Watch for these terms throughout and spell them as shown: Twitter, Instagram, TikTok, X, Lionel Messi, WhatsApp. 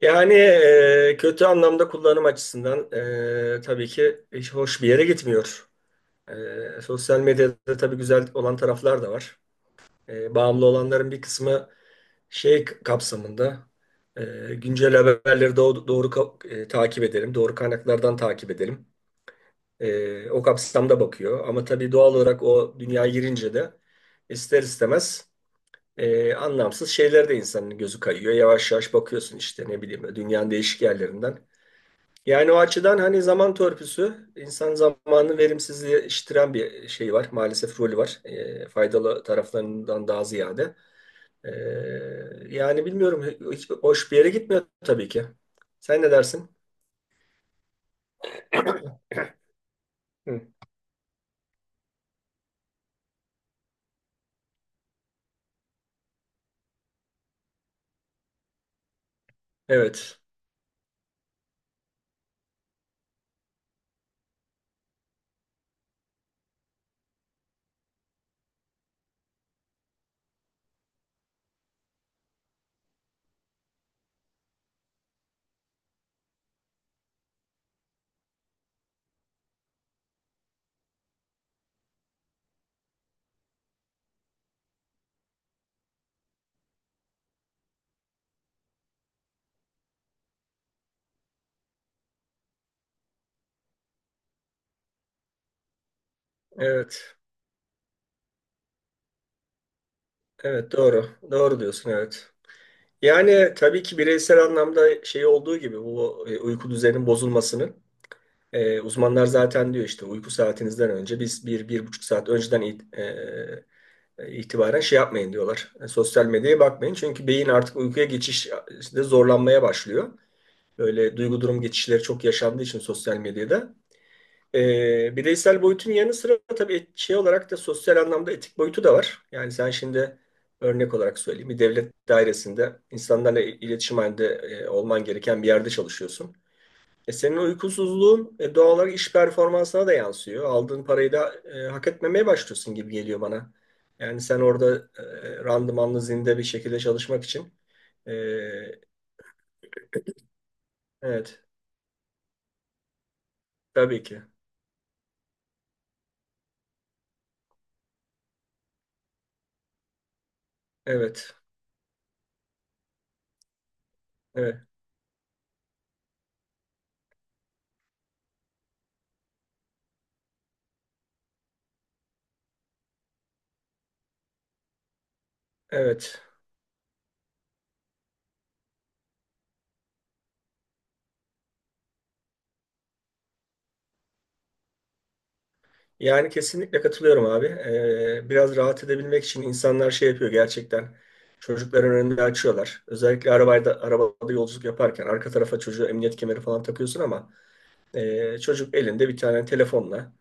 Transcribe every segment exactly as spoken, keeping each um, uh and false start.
Yani e, kötü anlamda kullanım açısından e, tabii ki hiç hoş bir yere gitmiyor. E, sosyal medyada tabii güzel olan taraflar da var. E, bağımlı olanların bir kısmı şey kapsamında e, güncel haberleri doğru, doğru ka- e, takip edelim, doğru kaynaklardan takip edelim. E, o kapsamda bakıyor. Ama tabii doğal olarak o dünyaya girince de ister istemez e, anlamsız şeylere de insanın gözü kayıyor. Yavaş yavaş bakıyorsun işte ne bileyim dünyanın değişik yerlerinden. Yani o açıdan hani zaman törpüsü, insan zamanını verimsizleştiren bir şey var. Maalesef rolü var. E, faydalı taraflarından daha ziyade. E, Yani bilmiyorum, hiç hoş bir yere gitmiyor tabii ki. Sen ne dersin? Hı. Evet, evet, evet, doğru. Doğru diyorsun, evet. Yani tabii ki bireysel anlamda şey olduğu gibi bu e, uyku düzeninin bozulmasının e, uzmanlar zaten diyor işte uyku saatinizden önce biz bir, bir buçuk saat önceden e, itibaren şey yapmayın diyorlar. E, sosyal medyaya bakmayın. Çünkü beyin artık uykuya geçişte zorlanmaya başlıyor. Böyle duygu durum geçişleri çok yaşandığı için sosyal medyada. E, bireysel boyutun yanı sıra tabii et- şey olarak da sosyal anlamda etik boyutu da var. Yani sen şimdi örnek olarak söyleyeyim. Bir devlet dairesinde insanlarla iletişim halinde e, olman gereken bir yerde çalışıyorsun. E senin uykusuzluğun e, doğal olarak iş performansına da yansıyor. Aldığın parayı da e, hak etmemeye başlıyorsun gibi geliyor bana. Yani sen orada e, randımanlı zinde bir şekilde çalışmak için. e, evet, tabii ki. Evet, evet, evet. Yani kesinlikle katılıyorum abi. E, biraz rahat edebilmek için insanlar şey yapıyor gerçekten. Çocukların önünde açıyorlar. Özellikle arabayda, arabada yolculuk yaparken arka tarafa çocuğa emniyet kemeri falan takıyorsun ama e, çocuk elinde bir tane telefonla.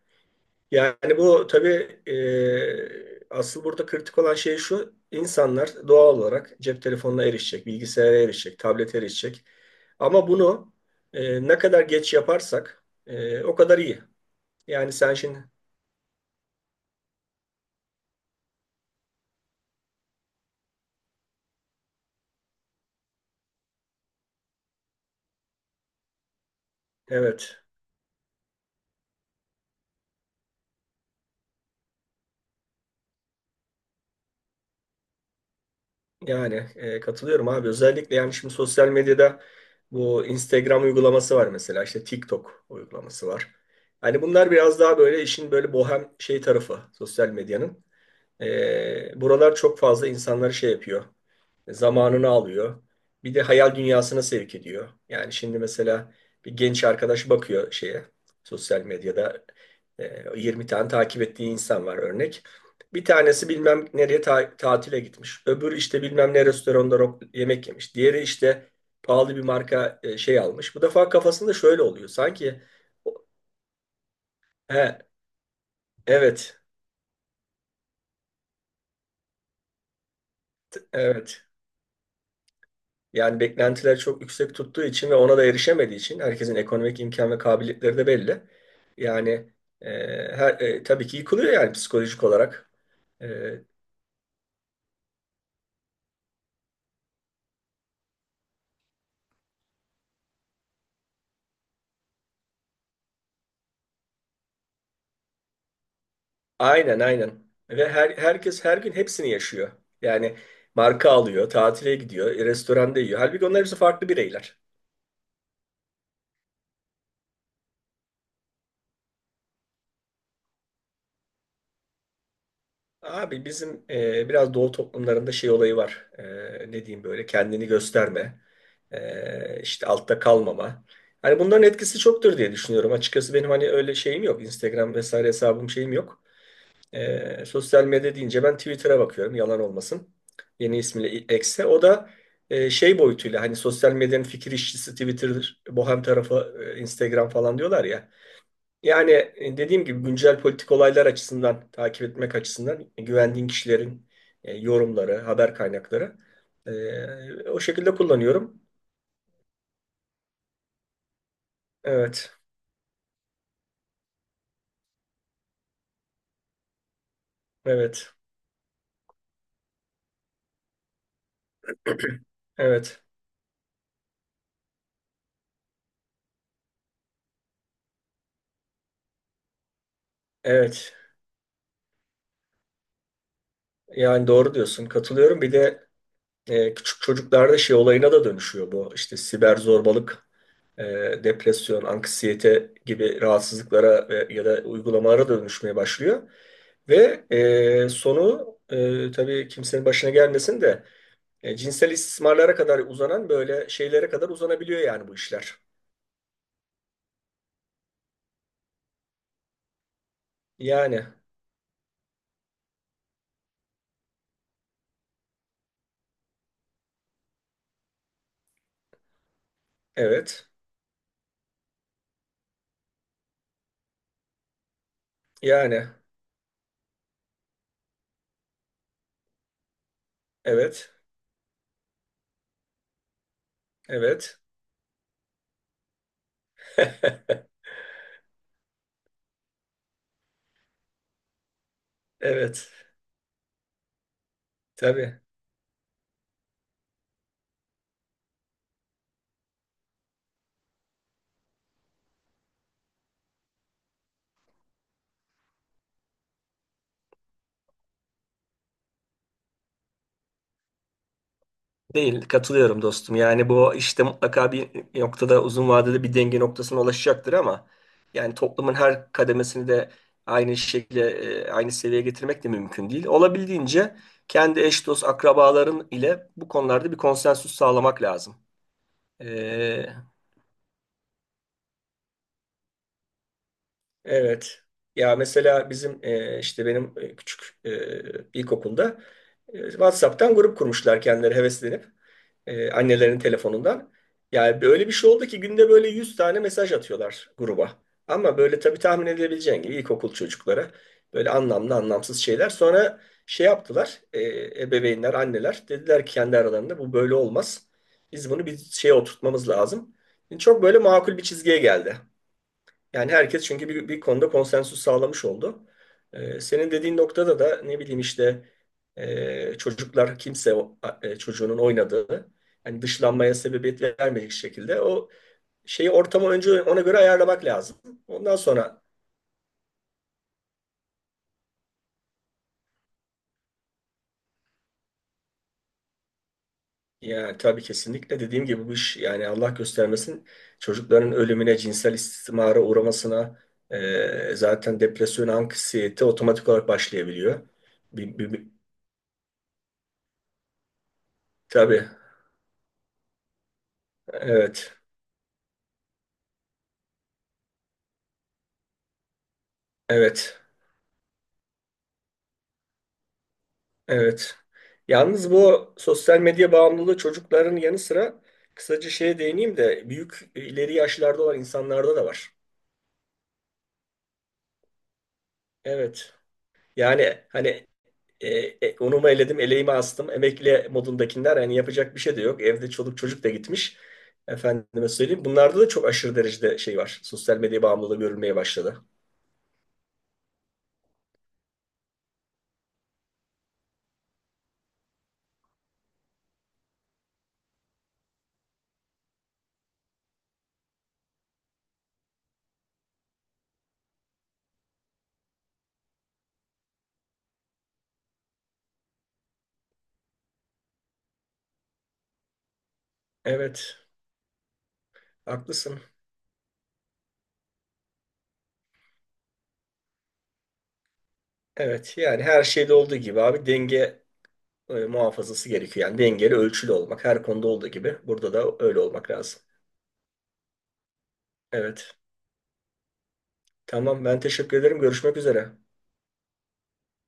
Yani bu tabii e, asıl burada kritik olan şey şu. İnsanlar doğal olarak cep telefonuna erişecek, bilgisayara erişecek, tablete erişecek. Ama bunu e, ne kadar geç yaparsak e, o kadar iyi. Yani sen şimdi evet, yani e, katılıyorum abi. Özellikle yani şimdi sosyal medyada bu Instagram uygulaması var mesela işte TikTok uygulaması var. Hani bunlar biraz daha böyle işin böyle bohem şey tarafı sosyal medyanın. E, buralar çok fazla insanları şey yapıyor. Zamanını alıyor. Bir de hayal dünyasına sevk ediyor. Yani şimdi mesela bir genç arkadaş bakıyor şeye sosyal medyada e, yirmi tane takip ettiği insan var örnek. Bir tanesi bilmem nereye ta- tatile gitmiş. Öbürü işte bilmem ne restoranda ro- yemek yemiş. Diğeri işte pahalı bir marka e, şey almış. Bu defa kafasında şöyle oluyor. Sanki he, evet, evet. Yani beklentiler çok yüksek tuttuğu için ve ona da erişemediği için herkesin ekonomik imkan ve kabiliyetleri de belli. Yani e, her, e, tabii ki yıkılıyor yani psikolojik olarak. E, aynen aynen. Ve her, herkes her gün hepsini yaşıyor. Yani marka alıyor, tatile gidiyor, restoranda yiyor. Halbuki onlar hepsi farklı bireyler. Abi bizim e, biraz doğu toplumlarında şey olayı var. E, ne diyeyim böyle kendini gösterme. E, işte altta kalmama. Hani bunların etkisi çoktur diye düşünüyorum. Açıkçası benim hani öyle şeyim yok. Instagram vesaire hesabım şeyim yok. E, sosyal medya deyince ben Twitter'a bakıyorum. Yalan olmasın. Yeni ismiyle X'e. O da e, şey boyutuyla hani sosyal medyanın fikir işçisi Twitter'dır. Bohem tarafı e, Instagram falan diyorlar ya. Yani e, dediğim gibi güncel politik olaylar açısından takip etmek açısından e, güvendiğin kişilerin e, yorumları, haber kaynakları e, o şekilde kullanıyorum. Evet, evet, evet, evet. Yani doğru diyorsun, katılıyorum. Bir de e, küçük çocuklarda şey olayına da dönüşüyor bu. İşte siber zorbalık, e, depresyon, anksiyete gibi rahatsızlıklara ve, ya da uygulamalara da dönüşmeye başlıyor. Ve e, sonu e, tabii kimsenin başına gelmesin de. E, cinsel istismarlara kadar uzanan böyle şeylere kadar uzanabiliyor yani bu işler. Yani evet. Yani evet. Evet. Evet. Tabii. Değil, katılıyorum dostum. Yani bu işte mutlaka bir noktada uzun vadede bir denge noktasına ulaşacaktır ama yani toplumun her kademesini de aynı şekilde e, aynı seviyeye getirmek de mümkün değil. Olabildiğince kendi eş dost akrabaların ile bu konularda bir konsensüs sağlamak lazım. E, Evet. Ya mesela bizim e, işte benim e, küçük e, ilkokulda e, WhatsApp'tan grup kurmuşlar kendileri heveslenip e, annelerinin telefonundan. Yani böyle bir şey oldu ki günde böyle yüz tane mesaj atıyorlar gruba. Ama böyle tabii tahmin edebileceğin gibi ilkokul çocuklara böyle anlamlı anlamsız şeyler. Sonra şey yaptılar, e, ebeveynler, anneler dediler ki kendi aralarında bu böyle olmaz. Biz bunu bir şeye oturtmamız lazım. Çok böyle makul bir çizgiye geldi. Yani herkes çünkü bir, bir konuda konsensus sağlamış oldu. Ee, senin dediğin noktada da ne bileyim işte e, çocuklar kimse o- a- e, çocuğunun oynadığı yani dışlanmaya sebebiyet vermeyecek şekilde o şeyi ortamı önce ona göre ayarlamak lazım. Ondan sonra yani tabii kesinlikle dediğim gibi bu iş yani Allah göstermesin çocukların ölümüne, cinsel istismara uğramasına e, zaten depresyon, anksiyete otomatik olarak başlayabiliyor. Bir, bir, bir- tabii evet, evet. Evet. Yalnız bu sosyal medya bağımlılığı çocukların yanı sıra kısaca şeye değineyim de büyük e, ileri yaşlarda olan insanlarda da var. Evet. Yani hani e, e, unumu eledim, eleğimi astım, emekli modundakiler yani yapacak bir şey de yok. Evde çoluk çocuk da gitmiş. Efendime söyleyeyim. Bunlarda da çok aşırı derecede şey var. Sosyal medya bağımlılığı görülmeye başladı. Evet. Haklısın. Evet. Yani her şeyde olduğu gibi abi denge e, muhafazası gerekiyor. Yani dengeli ölçülü olmak her konuda olduğu gibi burada da öyle olmak lazım. Evet. Tamam, ben teşekkür ederim. Görüşmek üzere.